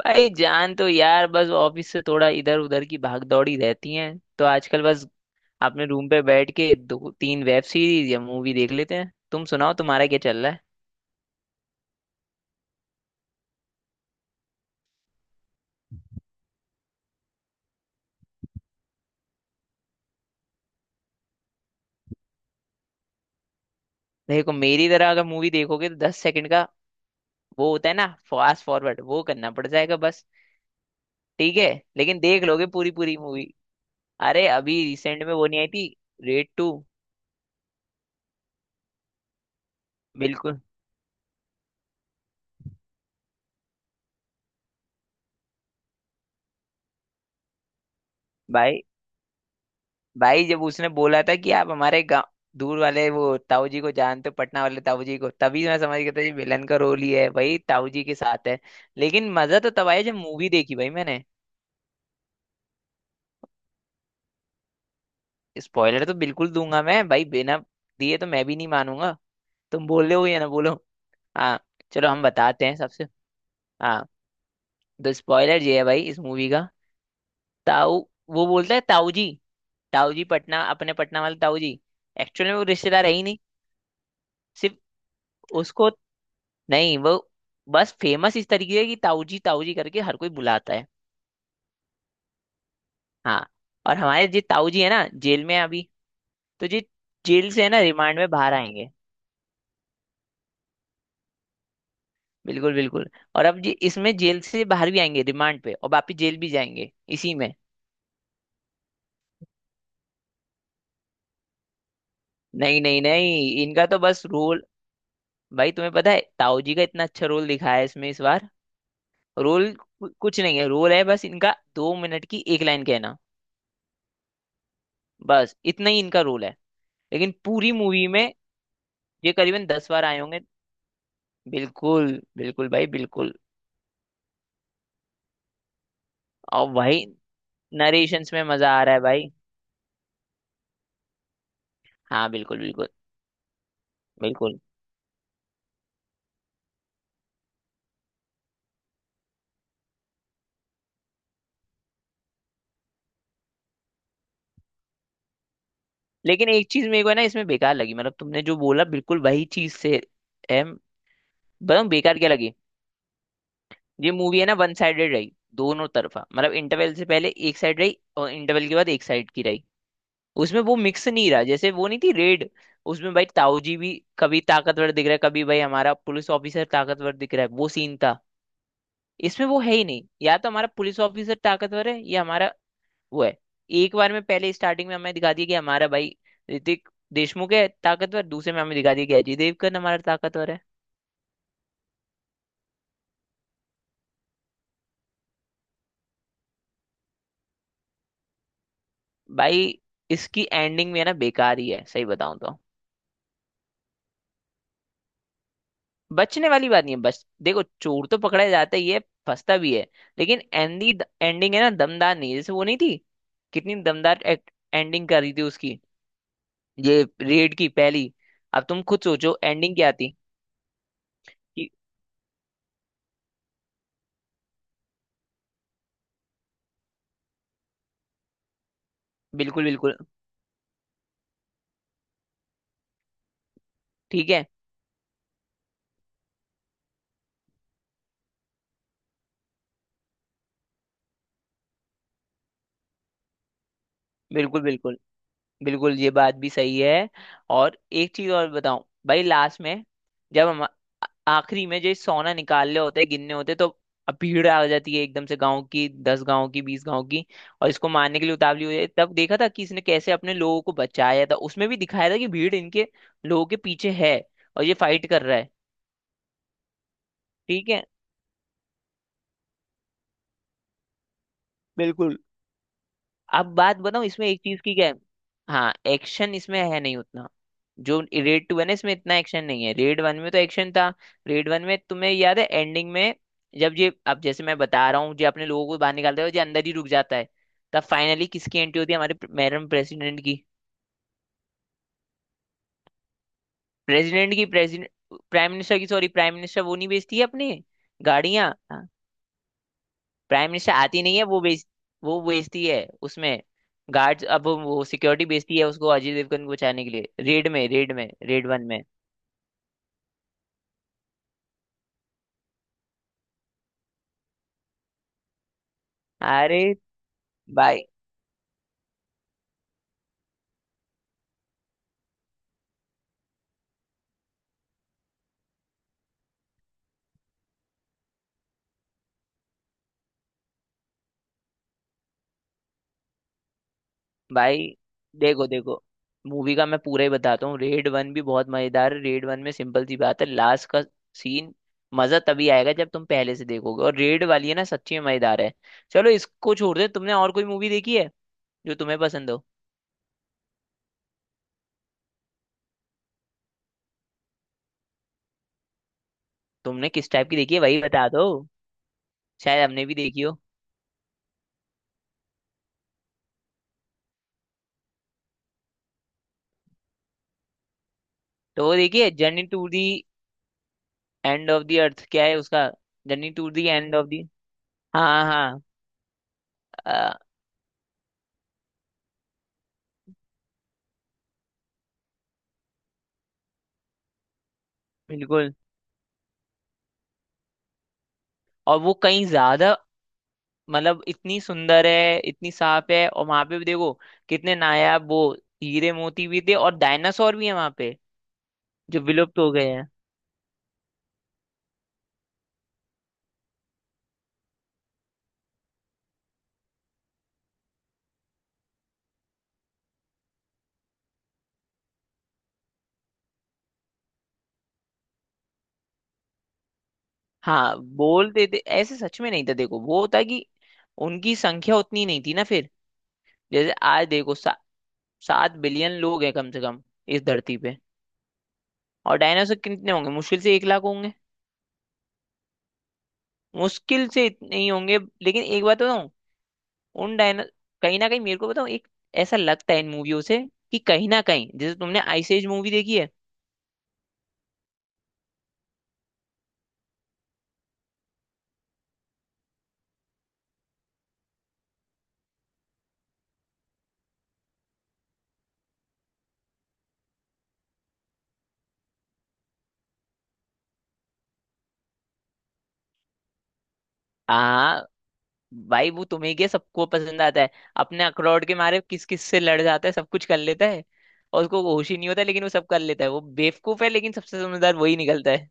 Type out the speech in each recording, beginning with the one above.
भाई जान तो यार बस ऑफिस से थोड़ा इधर उधर की भाग दौड़ी रहती है। तो आजकल बस अपने रूम पे बैठ के दो तीन वेब सीरीज या मूवी देख लेते हैं। तुम सुनाओ तुम्हारा क्या चल रहा है। देखो मेरी तरह अगर मूवी देखोगे तो 10 सेकंड का वो होता है ना फास्ट फॉरवर्ड वो करना पड़ जाएगा बस। ठीक है लेकिन देख लोगे पूरी पूरी मूवी। अरे अभी रिसेंट में वो नहीं आई थी, रेड टू। बिल्कुल। भाई भाई जब उसने बोला था कि आप हमारे गाँव दूर वाले वो ताऊ जी को जानते हो, पटना वाले ताऊ जी को, तभी मैं समझ गया था ये विलन का रोल ही है, भाई ताऊ जी के साथ है। लेकिन मजा तो तब आया जब मूवी देखी भाई मैंने। स्पॉइलर तो बिल्कुल दूंगा मैं भाई, बिना दिए तो मैं भी नहीं मानूंगा। तुम बोले हो या ना बोलो। हाँ। चलो हम बताते हैं सबसे। हाँ। तो स्पॉइलर ये है भाई इस मूवी का। ताऊ, वो बोलता है ताऊ जी, ताऊ जी पटना, अपने पटना वाले ताऊ जी। एक्चुअली में वो रिश्तेदार है ही नहीं। सिर्फ उसको, नहीं वो बस फेमस इस तरीके है कि ताऊजी ताऊजी करके हर कोई बुलाता है। हाँ। और हमारे जी ताऊजी है ना, जेल में है अभी। तो जी जेल से है ना रिमांड में बाहर आएंगे। बिल्कुल बिल्कुल। और अब जी इसमें जेल से बाहर भी आएंगे रिमांड पे, और वापिस जेल भी जाएंगे इसी में। नहीं नहीं नहीं इनका तो बस रोल। भाई तुम्हें पता है ताऊ जी का इतना अच्छा रोल दिखाया है इसमें इस बार। रोल कुछ नहीं है, रोल है बस इनका 2 मिनट की एक लाइन कहना। बस इतना ही इनका रोल है। लेकिन पूरी मूवी में ये करीबन 10 बार आए होंगे। बिल्कुल बिल्कुल भाई बिल्कुल। और भाई नरेशंस में मजा आ रहा है भाई। हाँ बिल्कुल बिल्कुल बिल्कुल। लेकिन एक चीज मेरे को है ना इसमें बेकार लगी, मतलब तुमने जो बोला बिल्कुल वही चीज से है। बताऊँ बेकार क्या लगी। ये मूवी है ना वन साइडेड रही। दोनों तरफा मतलब, इंटरवल से पहले एक साइड रही और इंटरवल के बाद एक साइड की रही। उसमें वो मिक्स नहीं रहा, जैसे वो नहीं थी रेड, उसमें भाई ताऊ जी भी कभी ताकतवर दिख रहा है, कभी भाई हमारा पुलिस ऑफिसर ताकतवर दिख रहा है, वो सीन था। इसमें वो है ही नहीं, या तो हमारा पुलिस ऑफिसर ताकतवर है या हमारा वो है। एक बार में पहले स्टार्टिंग में हमें दिखा दिया कि हमारा भाई ऋतिक देशमुख है ताकतवर, दूसरे में हमें दिखा दिया कि अजय देवगन हमारा ताकतवर है। भाई इसकी एंडिंग भी है ना बेकार ही है सही बताऊं तो। बचने वाली बात नहीं है, बस देखो चोर तो पकड़ा जाता ही है, फंसता भी है। लेकिन एंडी एंडिंग है ना दमदार नहीं है। जैसे वो नहीं थी, कितनी दमदार एंडिंग कर रही थी उसकी, ये रेड की पहली। अब तुम खुद सोचो एंडिंग क्या थी कि। बिल्कुल बिल्कुल। ठीक है। बिल्कुल बिल्कुल बिल्कुल ये बात भी सही है। और एक चीज और बताऊं, भाई लास्ट में जब हम आखिरी में जो सोना निकालने होते हैं गिनने होते हैं, तो अब भीड़ आ जाती है एकदम से, गांव की दस, गांव की बीस, गांव की, और इसको मारने के लिए उतावली हो जाती है। तब देखा था कि इसने कैसे अपने लोगों को बचाया था, उसमें भी दिखाया था कि भीड़ इनके लोगों के पीछे है और ये फाइट कर रहा है। ठीक है। बिल्कुल। अब बात बताऊं इसमें एक चीज की क्या है। हाँ, एक्शन इसमें है नहीं उतना। जो रेड टू है ना इसमें इतना एक्शन नहीं है, रेड वन में तो एक्शन था। रेड वन में तुम्हें याद है एंडिंग में, जब ये अब जैसे मैं बता रहा हूँ जो अपने लोगों को बाहर निकालते हैं, जो अंदर ही रुक जाता है, तब फाइनली किसकी एंट्री होती है, हमारे मैडम प्रेसिडेंट की प्रेसिडेंट प्राइम मिनिस्टर की, सॉरी प्राइम मिनिस्टर। वो नहीं बेचती है अपनी गाड़ियां। प्राइम मिनिस्टर आती नहीं है, वो बेचती है उसमें गार्ड्स। अब वो सिक्योरिटी बेचती है उसको अजय देवगन को बचाने के लिए, रेड में रेड वन में। अरे भाई, भाई देखो देखो, मूवी का मैं पूरा ही बताता हूँ। रेड वन भी बहुत मजेदार है। रेड वन में सिंपल सी बात है, लास्ट का सीन मजा तभी आएगा जब तुम पहले से देखोगे, और रेड वाली है ना सच्ची में मजेदार है। चलो इसको छोड़ दे, तुमने और कोई मूवी देखी है जो तुम्हें पसंद हो। तुमने किस टाइप की देखी है वही बता दो, शायद हमने भी देखी हो। तो वो देखिए journey to the end of the earth, क्या है उसका, journey to the end of the. हाँ हाँ। अ, बिल्कुल। और वो कहीं ज्यादा, मतलब इतनी सुंदर है, इतनी साफ है, और वहां पे भी देखो कितने नायाब वो हीरे मोती भी थे, और डायनासोर भी है वहां पे, जो विलुप्त हो गए हैं। हाँ बोलते थे ऐसे, सच में नहीं था। देखो वो होता कि उनकी संख्या उतनी नहीं थी ना फिर। जैसे आज देखो 7 बिलियन लोग हैं कम से कम इस धरती पे। और डायनासोर कितने होंगे, मुश्किल से 1 लाख होंगे, मुश्किल से इतने ही होंगे। लेकिन एक बात बताऊं, उन डायना कहीं ना कहीं मेरे को बताऊं, एक ऐसा लगता है इन मूवियों से कि कहीं ना कहीं, जैसे तुमने आइस एज मूवी देखी है। हाँ भाई वो तुम्हें क्या सबको पसंद आता है, अपने अखरोट के मारे किस किस से लड़ जाता है, सब कुछ कर लेता है, और उसको होश ही नहीं होता, लेकिन वो सब कर लेता है, वो बेवकूफ है लेकिन सबसे समझदार वही निकलता है।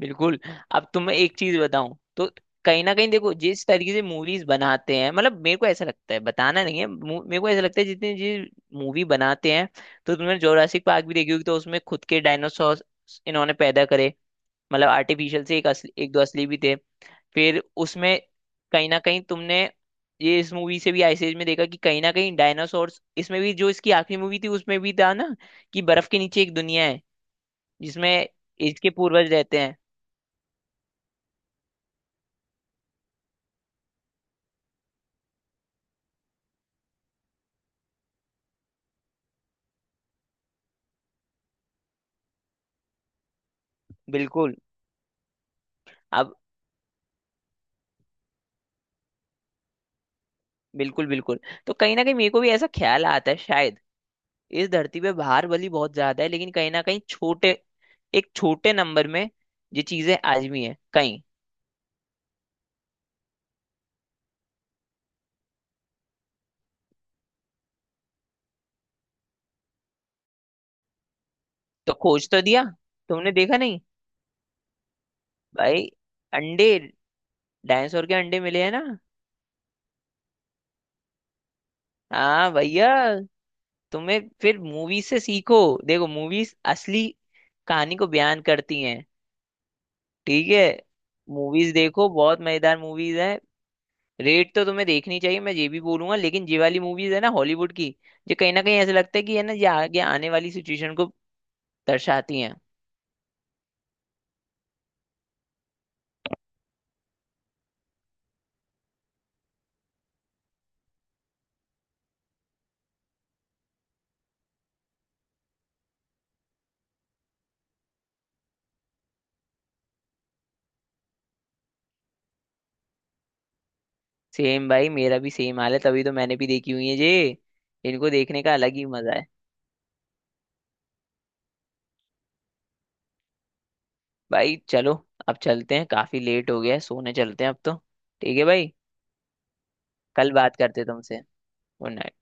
बिल्कुल। अब तुम, मैं एक चीज बताऊं तो, कहीं ना कहीं देखो जिस तरीके से मूवीज बनाते हैं, मतलब मेरे को ऐसा लगता है, बताना नहीं है, मेरे को ऐसा लगता है जितनी जी मूवी बनाते हैं, तो तुमने जोरासिक पार्क भी देखी होगी, तो उसमें खुद के डायनासोर इन्होंने पैदा करे, मतलब आर्टिफिशियल से, एक असली, एक दो असली भी थे फिर उसमें। कहीं ना कहीं तुमने ये इस मूवी से भी आइस एज में देखा कि कहीं ना कहीं डायनासोर, इसमें भी जो इसकी आखिरी मूवी थी उसमें भी था ना, कि बर्फ के नीचे एक दुनिया है जिसमें इसके पूर्वज रहते हैं। बिल्कुल अब बिल्कुल बिल्कुल। तो कहीं ना कहीं मेरे को भी ऐसा ख्याल आता है शायद। इस धरती पे भार भली बहुत ज्यादा है, लेकिन कहीं ना कहीं छोटे, एक छोटे नंबर में ये चीजें आजमी है कहीं। तो खोज तो दिया, तुमने देखा नहीं। भाई अंडे, डायनासोर के अंडे मिले हैं ना। हाँ भैया तुम्हें फिर मूवी से सीखो। देखो मूवीज असली कहानी को बयान करती हैं। ठीक है। मूवीज देखो बहुत मजेदार मूवीज हैं। रेड तो तुम्हें देखनी चाहिए मैं ये भी बोलूंगा। लेकिन ये वाली मूवीज है ना हॉलीवुड की, ये कहीं ना कहीं ऐसा लगता है कि है ना ये आगे आने वाली सिचुएशन को दर्शाती हैं। सेम भाई, मेरा भी सेम हाल है तभी तो मैंने भी देखी हुई है ये। इनको देखने का अलग ही मजा है। भाई चलो अब चलते हैं, काफी लेट हो गया है, सोने चलते हैं अब तो। ठीक है भाई, कल बात करते हैं तुमसे। Good night.